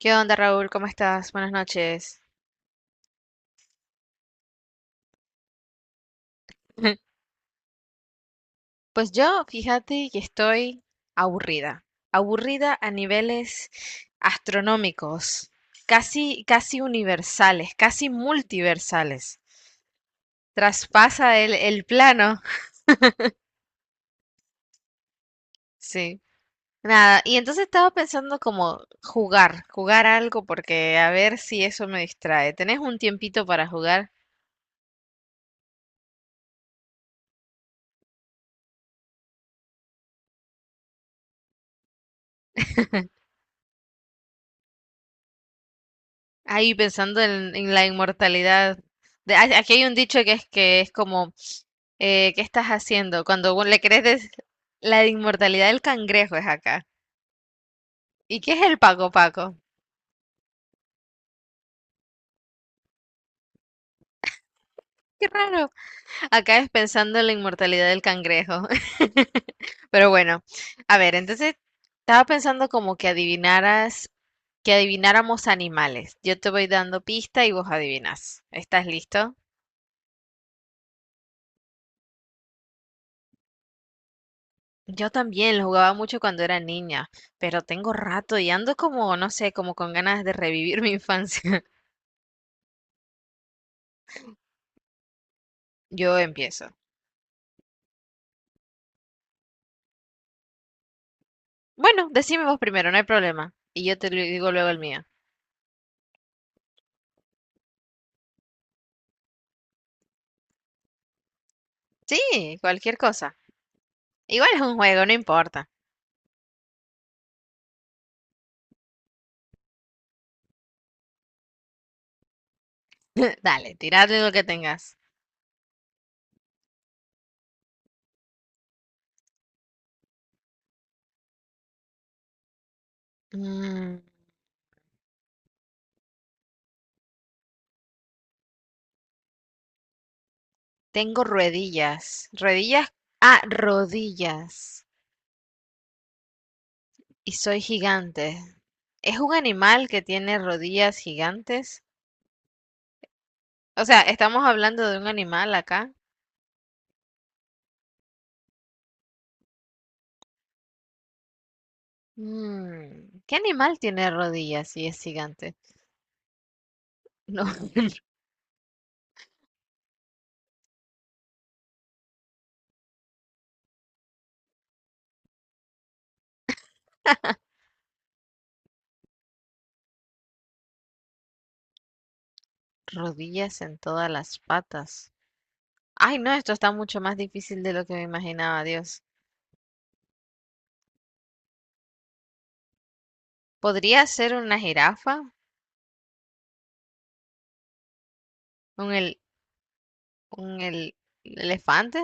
¿Qué onda, Raúl? ¿Cómo estás? Buenas noches. Pues yo, fíjate que estoy aburrida, aburrida a niveles astronómicos, casi universales, casi multiversales. Traspasa el plano. Sí. Nada, y entonces estaba pensando como jugar algo porque a ver si eso me distrae. ¿Tenés un tiempito para jugar? Ahí pensando en la inmortalidad. Aquí hay un dicho que es como, ¿qué estás haciendo? Cuando vos le crees la inmortalidad del cangrejo es acá. ¿Y qué es el Paco Paco? Qué raro. Acá es pensando en la inmortalidad del cangrejo. Pero bueno, a ver, entonces estaba pensando como que adivinaras, que adivináramos animales. Yo te voy dando pista y vos adivinas. ¿Estás listo? Yo también lo jugaba mucho cuando era niña, pero tengo rato y ando como, no sé, como con ganas de revivir mi infancia. Yo empiezo. Bueno, decime vos primero, no hay problema. Y yo te lo digo luego el mío. Sí, cualquier cosa. Igual es un juego, no importa. Dale, tiradle lo que tengas. Mm, tengo ruedillas. Ruedillas. Ah, rodillas. Y soy gigante. ¿Es un animal que tiene rodillas gigantes? O sea, ¿estamos hablando de un animal acá? Mm, ¿qué animal tiene rodillas y es gigante? No, rodillas en todas las patas. Ay, no, esto está mucho más difícil de lo que me imaginaba, Dios. ¿Podría ser una jirafa? ¿Un el, un el- elefante?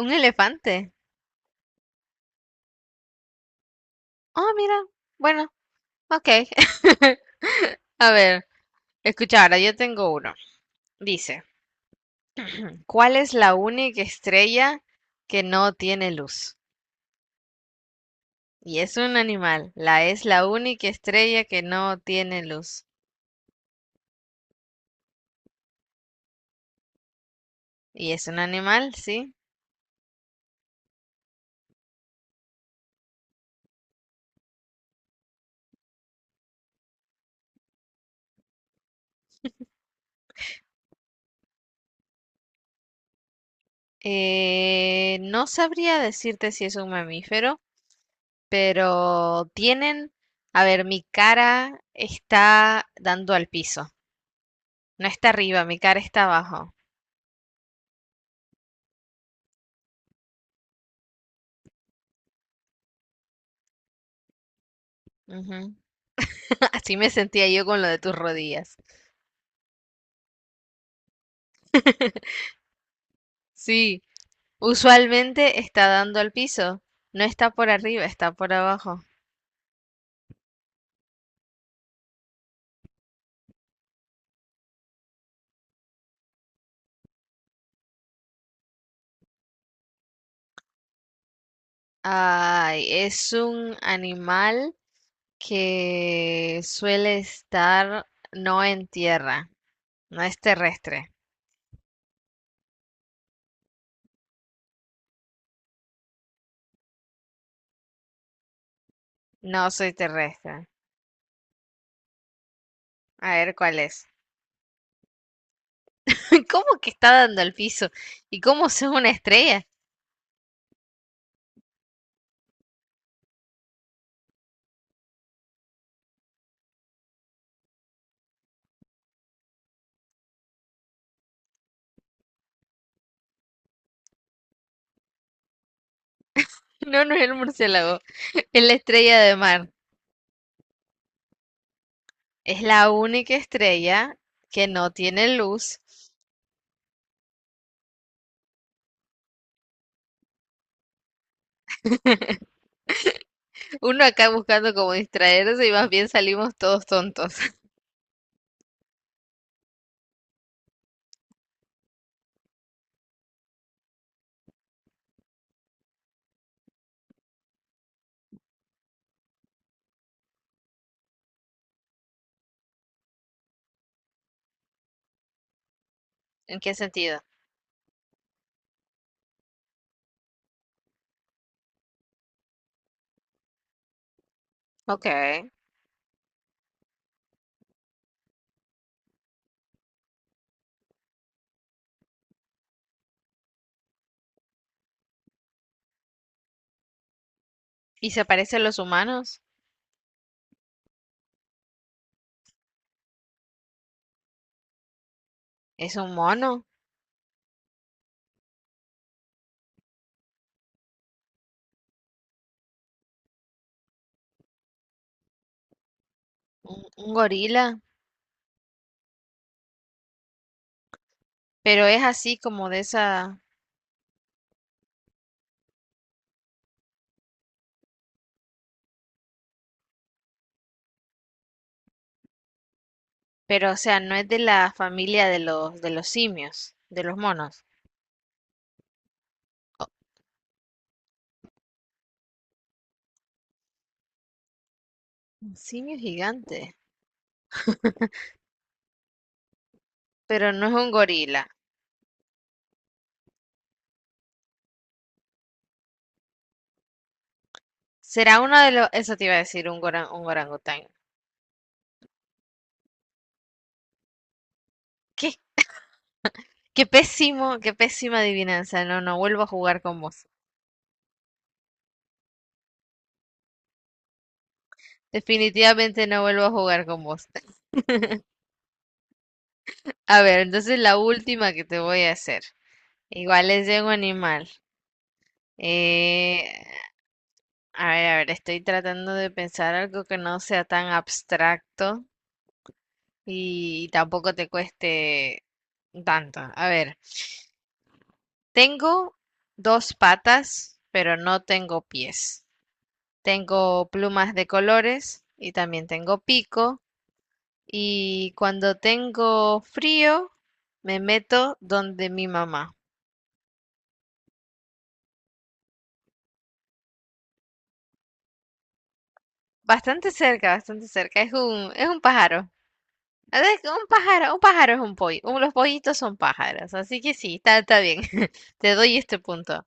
¿Un elefante? Oh, mira. Bueno, ok. A ver, escucha, ahora yo tengo uno. Dice, ¿cuál es la única estrella que no tiene luz? Y es un animal. La es la única estrella que no tiene luz. Y es un animal, sí. No sabría decirte si es un mamífero, pero tienen... A ver, mi cara está dando al piso. No está arriba, mi cara está abajo. Ujú. Así me sentía yo con lo de tus rodillas. Sí, usualmente está dando al piso. No está por arriba, está por abajo. Ay, es un animal que suele estar no en tierra, no es terrestre, no soy terrestre. A ver cuál es. ¿Cómo que está dando al piso? ¿Y cómo es una estrella? No, no es el murciélago, es la estrella de mar. Es la única estrella que no tiene luz. Uno acá buscando como distraerse y más bien salimos todos tontos. ¿En qué sentido? Ok. ¿Y se parece a los humanos? ¿Es un mono? ¿Un gorila? Pero es así como de esa, pero o sea, no es de la familia de los simios, de los monos. Un simio gigante, pero no es un gorila. Será uno de los, eso te iba a decir, un un orangután. ¿Qué? Qué pésimo, qué pésima adivinanza. No, no vuelvo a jugar con vos. Definitivamente no vuelvo a jugar con vos. A ver, entonces la última que te voy a hacer. Igual es de un animal. Eh, a ver, estoy tratando de pensar algo que no sea tan abstracto. Y tampoco te cueste tanto. A ver, tengo dos patas, pero no tengo pies. Tengo plumas de colores y también tengo pico. Y cuando tengo frío, me meto donde mi mamá. Bastante cerca, bastante cerca. Es un pájaro. A ver, un pájaro, un pájaro es un pollo. Los pollitos son pájaros. Así que sí, está, está bien. Te doy este punto.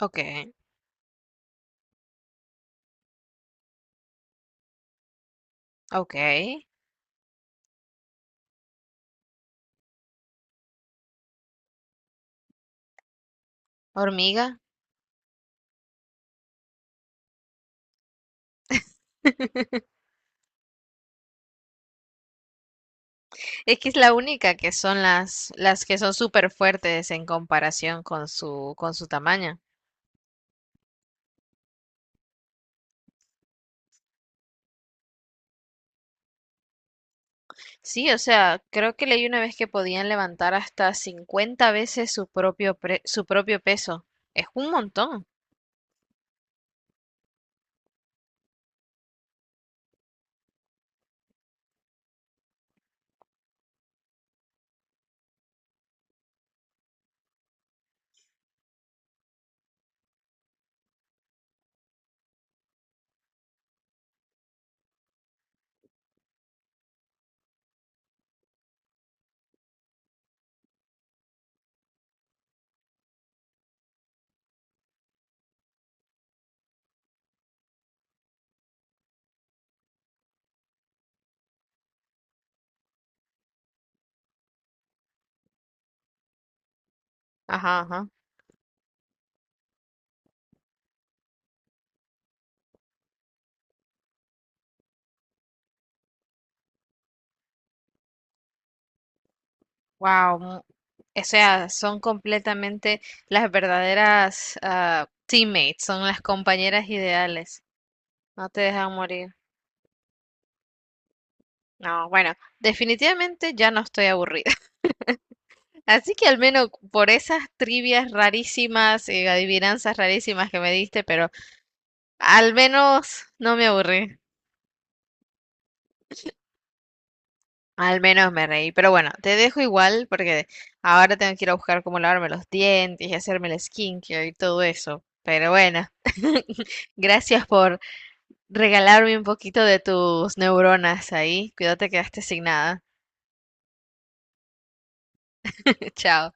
Ok, ok. Hormiga. Es que es la única que son las que son súper fuertes en comparación con su tamaño. Sí, o sea, creo que leí una vez que podían levantar hasta 50 veces su propio peso. Es un montón. Ajá, ajá. Wow. O sea, son completamente las verdaderas teammates, son las compañeras ideales. No te dejan morir. No, bueno, definitivamente ya no estoy aburrida. Así que al menos por esas trivias rarísimas, adivinanzas rarísimas que me diste, pero al menos no me aburrí, al menos me reí. Pero bueno, te dejo igual porque ahora tengo que ir a buscar cómo lavarme los dientes y hacerme el skincare y todo eso. Pero bueno, gracias por regalarme un poquito de tus neuronas ahí. Cuídate, quedaste sin nada. Chao.